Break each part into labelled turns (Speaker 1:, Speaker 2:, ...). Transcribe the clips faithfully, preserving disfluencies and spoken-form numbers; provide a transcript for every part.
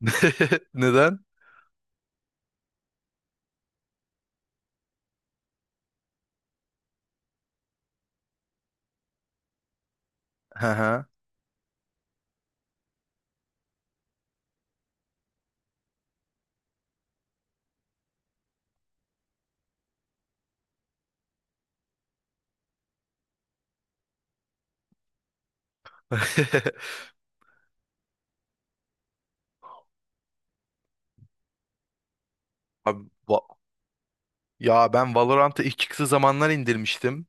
Speaker 1: Neden? Hı hı. Abi, va- ya ben Valorant'ı ilk çıktığı zamanlar indirmiştim.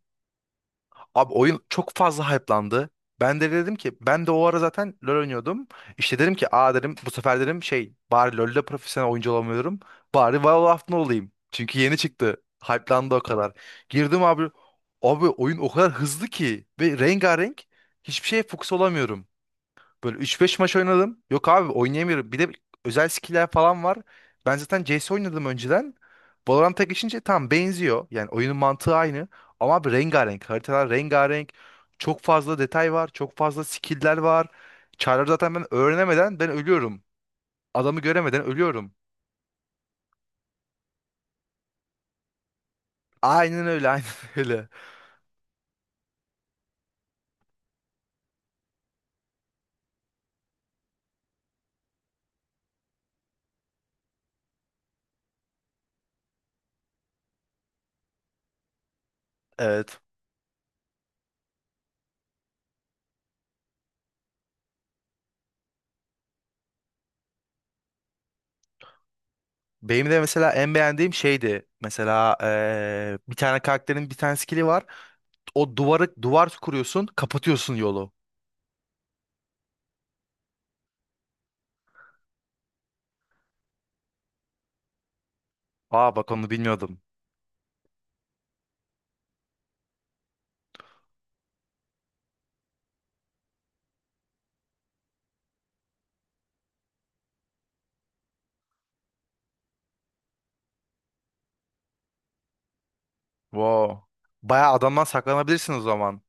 Speaker 1: Abi oyun çok fazla hype'landı. Ben de dedim ki ben de o ara zaten LoL oynuyordum. İşte dedim ki aa dedim bu sefer dedim şey bari LoL'de profesyonel oyuncu olamıyorum. Bari Valorant'ta olayım. Çünkü yeni çıktı. Hype'landı o kadar. Girdim abi. Abi oyun o kadar hızlı ki ve rengarenk hiçbir şeye fokus olamıyorum. Böyle üç beş maç oynadım. Yok abi oynayamıyorum. Bir de özel skill'ler falan var. Ben zaten C S oynadım önceden. Valorant'a geçince tam benziyor. Yani oyunun mantığı aynı. Ama abi rengarenk. Haritalar rengarenk. Çok fazla detay var. Çok fazla skill'ler var. Çarları zaten ben öğrenemeden ben ölüyorum. Adamı göremeden ölüyorum. Aynen öyle, aynen öyle. Evet. Benim de mesela en beğendiğim şeydi. Mesela eee, bir tane karakterin bir tane skill'i var. O duvarı duvar kuruyorsun, kapatıyorsun yolu. Aa bak onu bilmiyordum. Wow. Bayağı adamdan saklanabilirsin o zaman.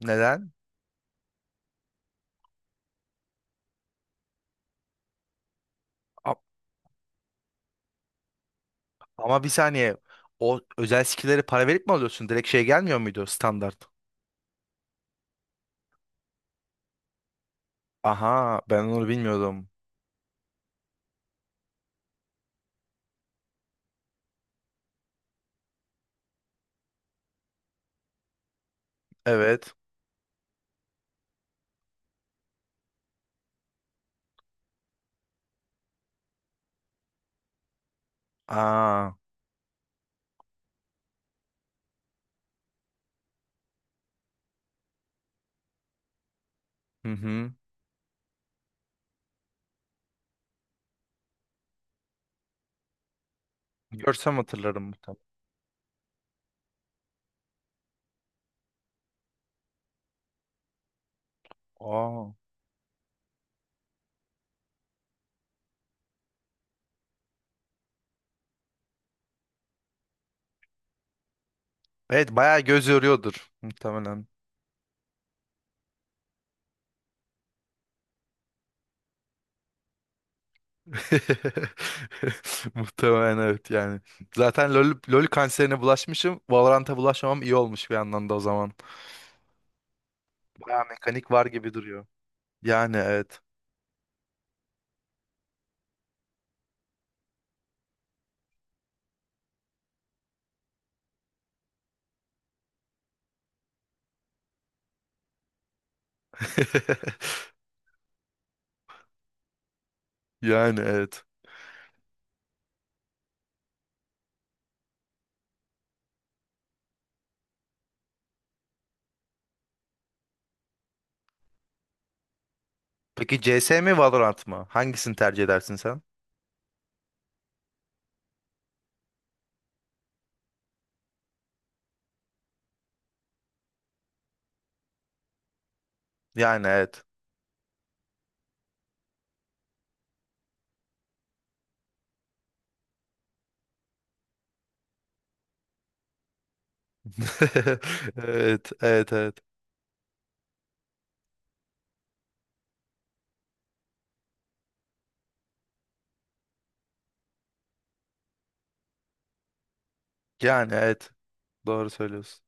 Speaker 1: Neden? A- Ama bir saniye. O özel skill'leri para verip mi alıyorsun? Direkt şey gelmiyor muydu standart? Aha ben onu bilmiyordum. Evet. Aa. Hı hı. Görsem hatırlarım muhtemelen. Aa. Evet bayağı göz yoruyordur muhtemelen. Muhtemelen evet yani. Zaten LoL, LoL kanserine bulaşmışım. Valorant'a bulaşmamam iyi olmuş bir yandan da o zaman. Bayağı mekanik var gibi duruyor. Yani evet. Yani evet. Peki C S mi Valorant mı? Hangisini tercih edersin sen? Yani evet. Evet, evet, evet. Yani evet. Doğru söylüyorsun.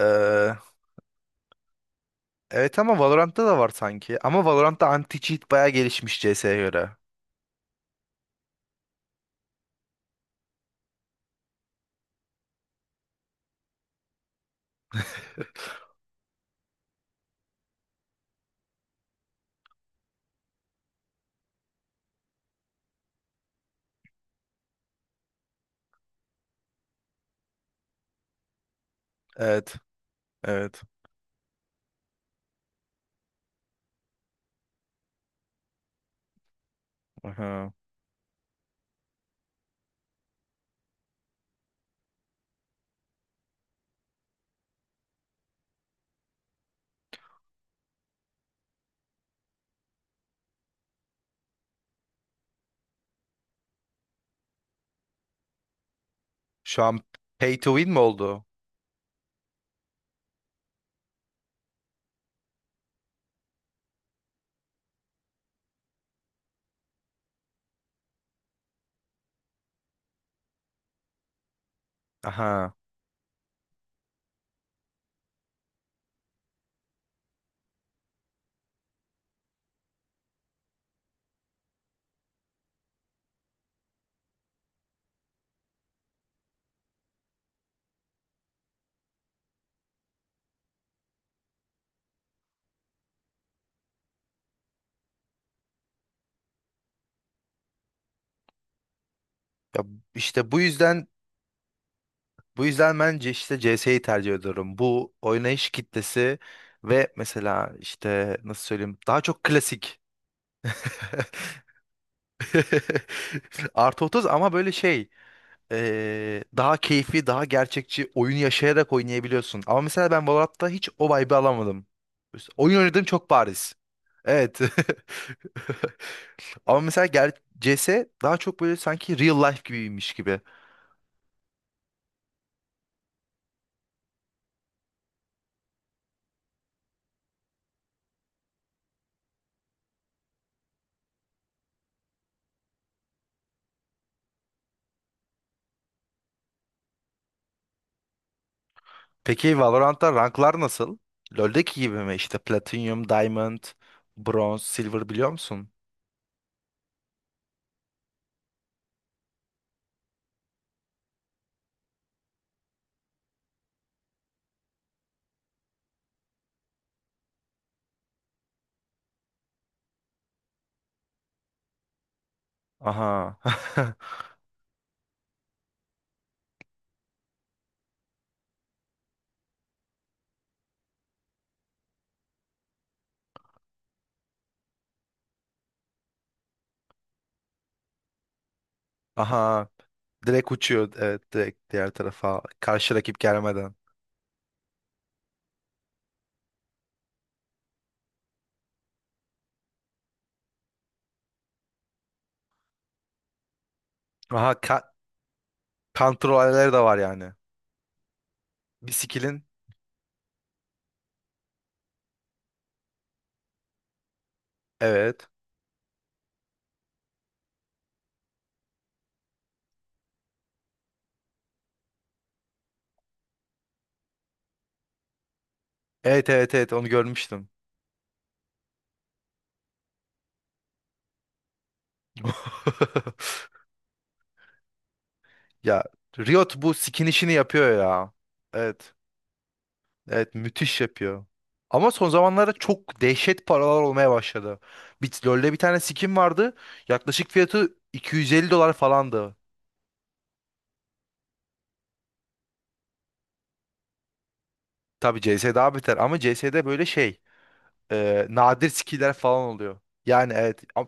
Speaker 1: Ee, evet ama Valorant'ta da var sanki. Ama Valorant'ta anti-cheat bayağı gelişmiş C S'ye göre. Evet, evet. Aha. Şu an pay to win mi oldu? Aha. Ya işte bu yüzden Bu yüzden bence işte C S'yi tercih ediyorum. Bu oynayış kitlesi ve mesela işte nasıl söyleyeyim daha çok klasik. Artı otuz ama böyle şey eee, daha keyfi daha gerçekçi oyunu yaşayarak oynayabiliyorsun. Ama mesela ben Valorant'ta hiç o vibe'ı alamadım. Oyun oynadığım çok bariz. Evet. Ama mesela ger- C S daha çok böyle sanki real life gibiymiş gibi. Peki Valorant'ta ranklar nasıl? LoL'deki gibi mi? İşte Platinum, Diamond, Bronze, Silver biliyor musun? Aha. Aha. Direkt uçuyor. Evet direkt diğer tarafa. Karşı rakip gelmeden. Aha ka- kontrollerleri de var yani. Bir skill'in. Evet. Evet evet evet onu görmüştüm. Ya Riot bu skin işini yapıyor ya. Evet. Evet müthiş yapıyor. Ama son zamanlarda çok dehşet paralar olmaya başladı. Bit LoL'de bir tane skin vardı. Yaklaşık fiyatı iki yüz elli dolar falandı. Tabii C S daha beter ama C S'de böyle şey e, nadir skinler falan oluyor. Yani evet. am-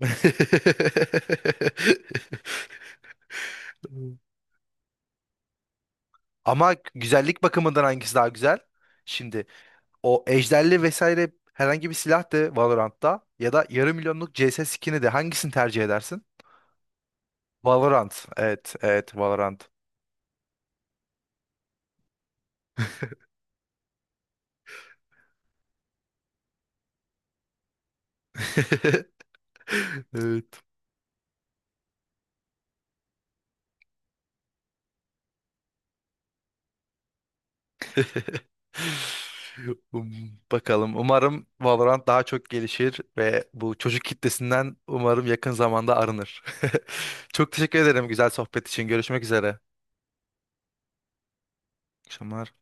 Speaker 1: Ama güzellik bakımından hangisi daha güzel? Şimdi o ejderli vesaire herhangi bir silah de Valorant'ta ya da yarım milyonluk C S skin'i de hangisini tercih edersin? Valorant. Evet, evet Valorant. Evet. Um, Bakalım. Umarım Valorant daha çok gelişir ve bu çocuk kitlesinden umarım yakın zamanda arınır. Çok teşekkür ederim güzel sohbet için. Görüşmek üzere. İyi akşamlar.